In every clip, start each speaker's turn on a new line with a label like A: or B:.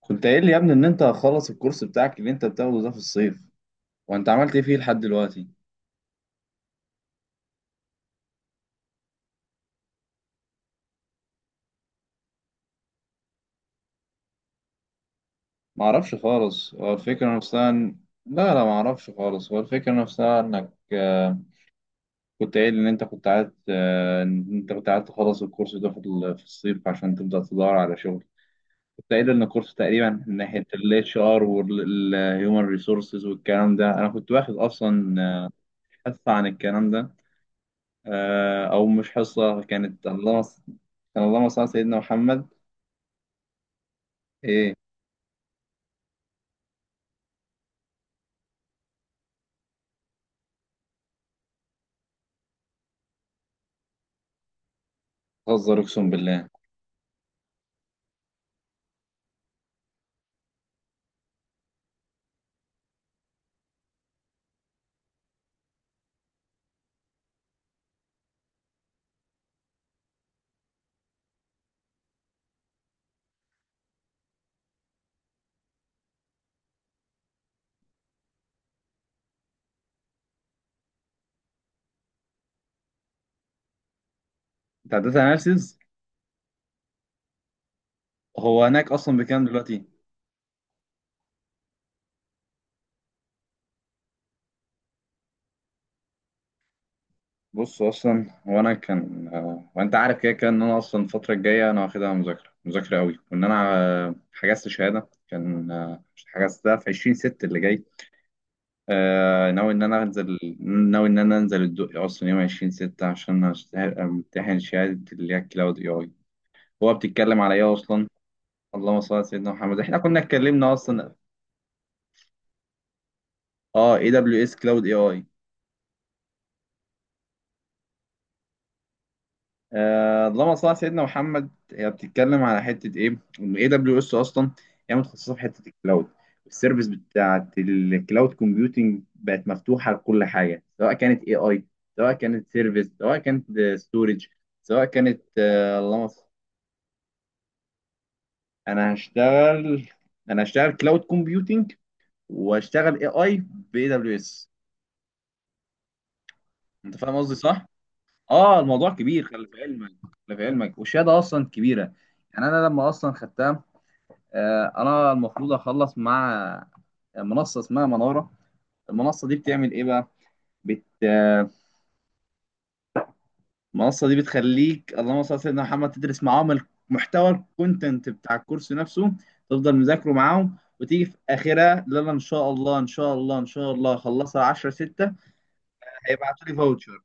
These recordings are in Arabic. A: كنت قايل لي يا ابني ان انت هتخلص الكورس بتاعك اللي انت بتاخده ده في الصيف، وانت عملت ايه فيه لحد دلوقتي؟ ما اعرفش خالص، هو الفكره نفسها لا لا، ما اعرفش خالص، هو الفكره نفسها انك كنت قايل ان انت كنت عايز ان انت كنت عايز تخلص الكورس ده في في الصيف عشان تبدا تدور على شغل. كنت قايل ان الكورس تقريبا من ناحيه الاتش ار والهيومن ريسورسز والكلام ده انا كنت واخد اصلا حصه عن الكلام ده. او مش حصه، كانت كان اللهم صل على سيدنا محمد. ايه؟ بتهزر اقسم بالله! انت عديت اناليسيز؟ هو هناك اصلا بكام دلوقتي؟ بص اصلا هو انا كان وانت عارف كده كده ان انا اصلا الفتره الجايه انا واخدها مذاكره مذاكره قوي، وان انا حجزت شهاده، كان حجزتها في 20 ست اللي جاي. آه، ناوي ان انا انزل ناوي ان انا انزل الدقي اصلا يوم 20 ستة عشان امتحن شهاده اللي هي كلاود اي اي. هو بتتكلم على ايه اصلا؟ اللهم صل على سيدنا محمد، احنا كنا اتكلمنا اصلا. اه، اي دبليو اس كلاود اي اي. اللهم صل على سيدنا محمد، هي بتتكلم على حته ايه ان اي دبليو اس اصلا. هي متخصصه في حته الكلاود، السيرفيس بتاعت الكلاود كومبيوتنج بقت مفتوحه لكل حاجه، سواء كانت اي اي، سواء كانت سيرفيس، سواء كانت ستورج، سواء كانت اللهم صل. انا هشتغل انا هشتغل كلاود كومبيوتنج، واشتغل اي اي باي دبليو اس. انت فاهم قصدي صح؟ اه، الموضوع كبير، خلي في علمك. خلي في علمك، والشهاده اصلا كبيره. يعني انا لما اصلا خدتها، انا المفروض اخلص مع منصه اسمها مناره. المنصه دي بتعمل ايه بقى؟ بت آه، المنصه دي بتخليك، اللهم صل على سيدنا محمد، تدرس معاهم المحتوى، الكونتنت بتاع الكورس نفسه، تفضل مذاكره معاهم وتيجي في اخرها. لا لا، ان شاء الله ان شاء الله ان شاء الله، خلصها 10 6، هيبعتوا لي فاوتشر.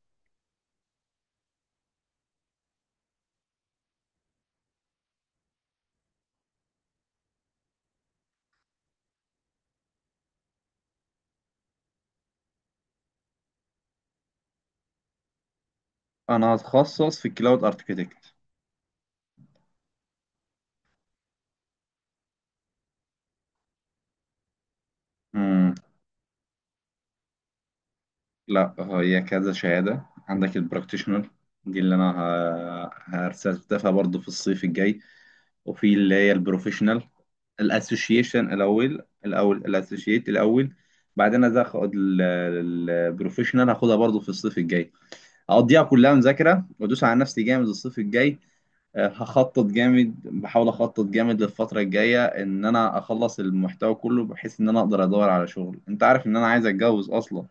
A: انا هتخصص في الكلاود اركتكت. امم. لا، هي كذا شهاده، عندك البراكتيشنر، دي اللي هرسلتها برضه في الصيف الجاي، وفي اللي هي البروفيشنال. الاسوشيشن الاول الاول الاسوشيت الاول. بعدين أنا هاخد البروفيشنال، هاخدها برضو في الصيف الجاي، هقضيها كلها مذاكره، وادوس على نفسي جامد الصيف الجاي. هخطط جامد، بحاول اخطط جامد للفتره الجايه ان انا اخلص المحتوى كله، بحيث ان انا اقدر ادور على شغل. انت عارف ان انا عايز اتجوز اصلا.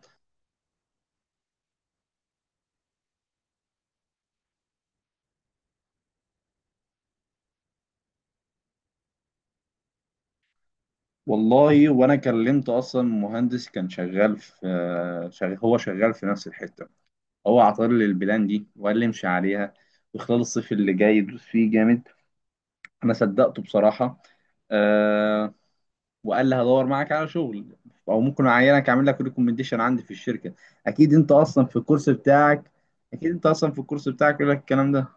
A: والله وانا كلمت اصلا مهندس، كان شغال في هو شغال في نفس الحته. هو عطار لي البلان دي وقال لي امشي عليها، وخلال الصيف اللي جاي يدوس فيه جامد. انا صدقته بصراحه. أه. وقال لي هدور معاك على شغل، او ممكن اعينك، اعمل لك ريكومنديشن عندي في الشركه. اكيد انت اصلا في الكورس بتاعك، اكيد انت اصلا في الكورس بتاعك يقول لك الكلام ده.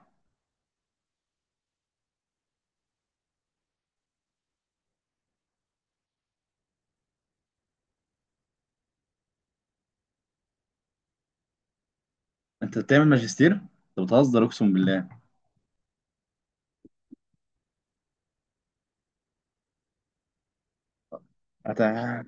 A: انت بتعمل ماجستير؟ انت بتهزر اقسم بالله! أتع...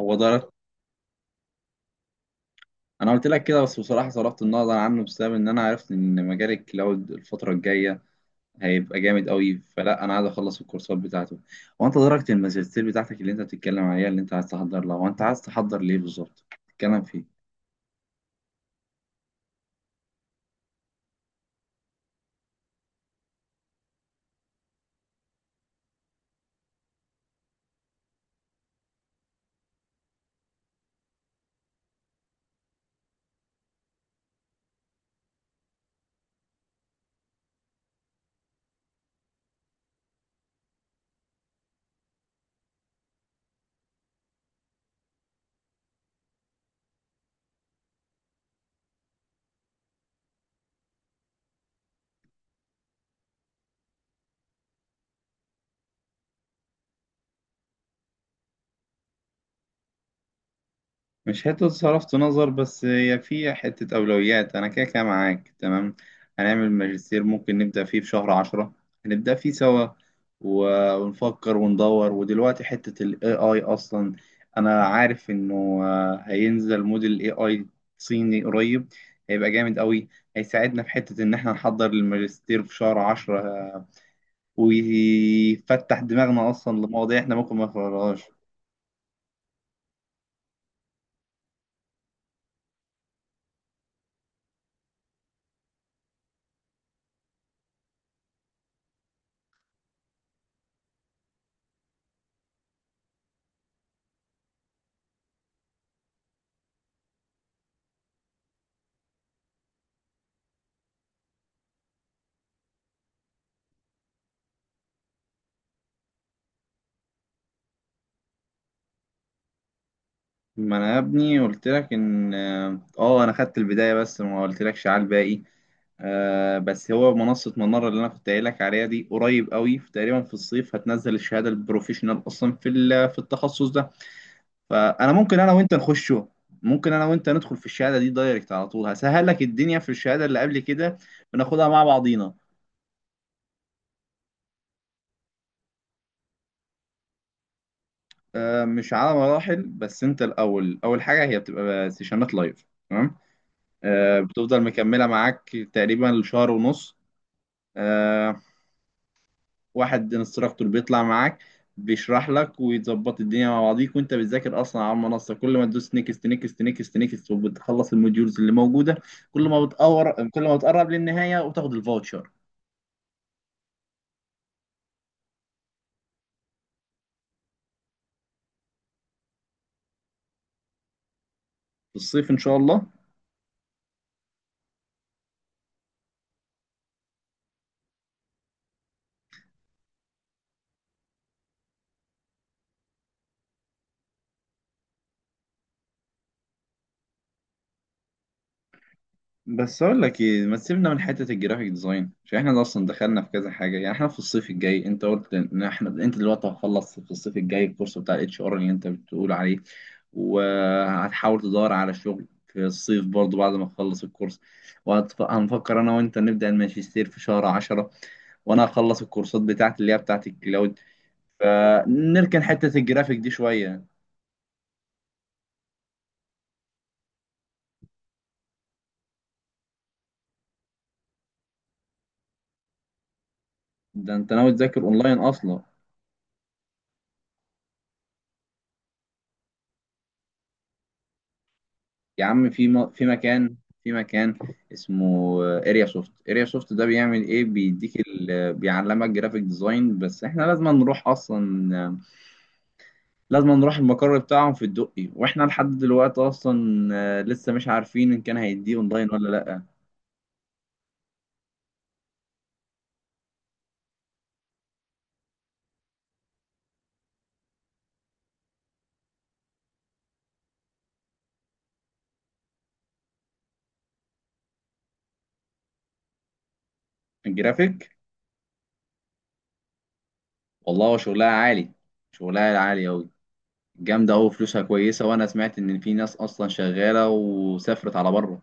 A: هو ضرب. انا قلت لك كده، بس بصراحه صرفت النظر عنه بسبب ان انا عرفت ان مجال الكلاود الفتره الجايه هيبقى جامد قوي، فلا، انا عايز اخلص الكورسات بتاعته. هو انت درجة الماجستير بتاعتك اللي انت بتتكلم عليها، اللي انت عايز تحضر لها، وانت عايز تحضر ليه بالظبط؟ تتكلم فيه. مش حتة صرفت نظر، بس هي في حتة أولويات. أنا كده كده معاك تمام، هنعمل ماجستير، ممكن نبدأ فيه في شهر عشرة، هنبدأ فيه سوا، ونفكر وندور. ودلوقتي حتة ال AI أصلا، أنا عارف إنه هينزل موديل AI صيني قريب، هيبقى جامد قوي، هيساعدنا في حتة إن إحنا نحضر الماجستير في شهر عشرة. ويفتح دماغنا أصلا لمواضيع إحنا ممكن ما نقرأهاش. ما انا يا ابني قلت لك ان اه، انا خدت البدايه بس ما قلتلكش على الباقي. آه، بس هو منصه مناره اللي انا كنت قايل لك عليها دي قريب قوي، في تقريبا في الصيف هتنزل الشهاده البروفيشنال اصلا في في التخصص ده، فانا ممكن انا وانت نخشه. ممكن انا وانت ندخل في الشهاده دي دايركت على طول، هسهل لك الدنيا في الشهاده اللي قبل كده، بناخدها مع بعضينا. آه، مش على مراحل، بس انت الاول، اول حاجه هي بتبقى سيشنات لايف، تمام؟ آه، بتفضل مكمله معاك تقريبا لشهر ونص. آه. واحد انستراكتور بيطلع معاك، بيشرح لك ويظبط الدنيا مع بعضيك، وانت بتذاكر اصلا على المنصه، كل ما تدوس نيكست نيكست نيكست نيكست وبتخلص الموديولز اللي موجوده، كل ما بتقرب للنهايه وتاخد الفاوتشر. في الصيف ان شاء الله. بس اقول لك ايه، ما تسيبنا من حته الجرافيك ديزاين، عشان احنا اصلا دخلنا في كذا حاجه. يعني احنا في الصيف الجاي، انت قلت ان احنا، انت دلوقتي هتخلص في الصيف الجاي الكورس بتاع الاتش ار اللي انت بتقول عليه، وهتحاول تدور على شغل في الصيف برضو بعد ما تخلص الكورس، وهنفكر انا وانت نبدأ الماجستير في شهر عشرة، وانا هخلص الكورسات بتاعتي اللي هي بتاعت الكلاود، فنركن حتة الجرافيك دي شوية. ده انت ناوي تذاكر اونلاين اصلا؟ يا عم، في في مكان، في مكان اسمه اريا سوفت. اريا سوفت ده بيعمل ايه؟ بيديك بيعلمك جرافيك ديزاين، بس احنا لازم نروح اصلا، لازم نروح المقر بتاعهم في الدقي، واحنا لحد دلوقتي اصلا لسه مش عارفين ان كان هيديه اونلاين ولا لا. الجرافيك؟ والله هو شغلها عالي، شغلها عالي اوي، جامدة أوي، فلوسها كويسة، وأنا سمعت إن في ناس أصلا شغالة وسافرت على بره.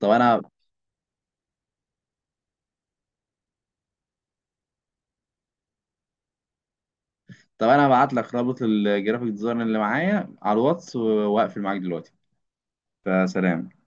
A: طب أنا طب أنا هبعت لك رابط الجرافيك ديزاين اللي معايا على الواتس، وأقفل معاك دلوقتي. فسلام.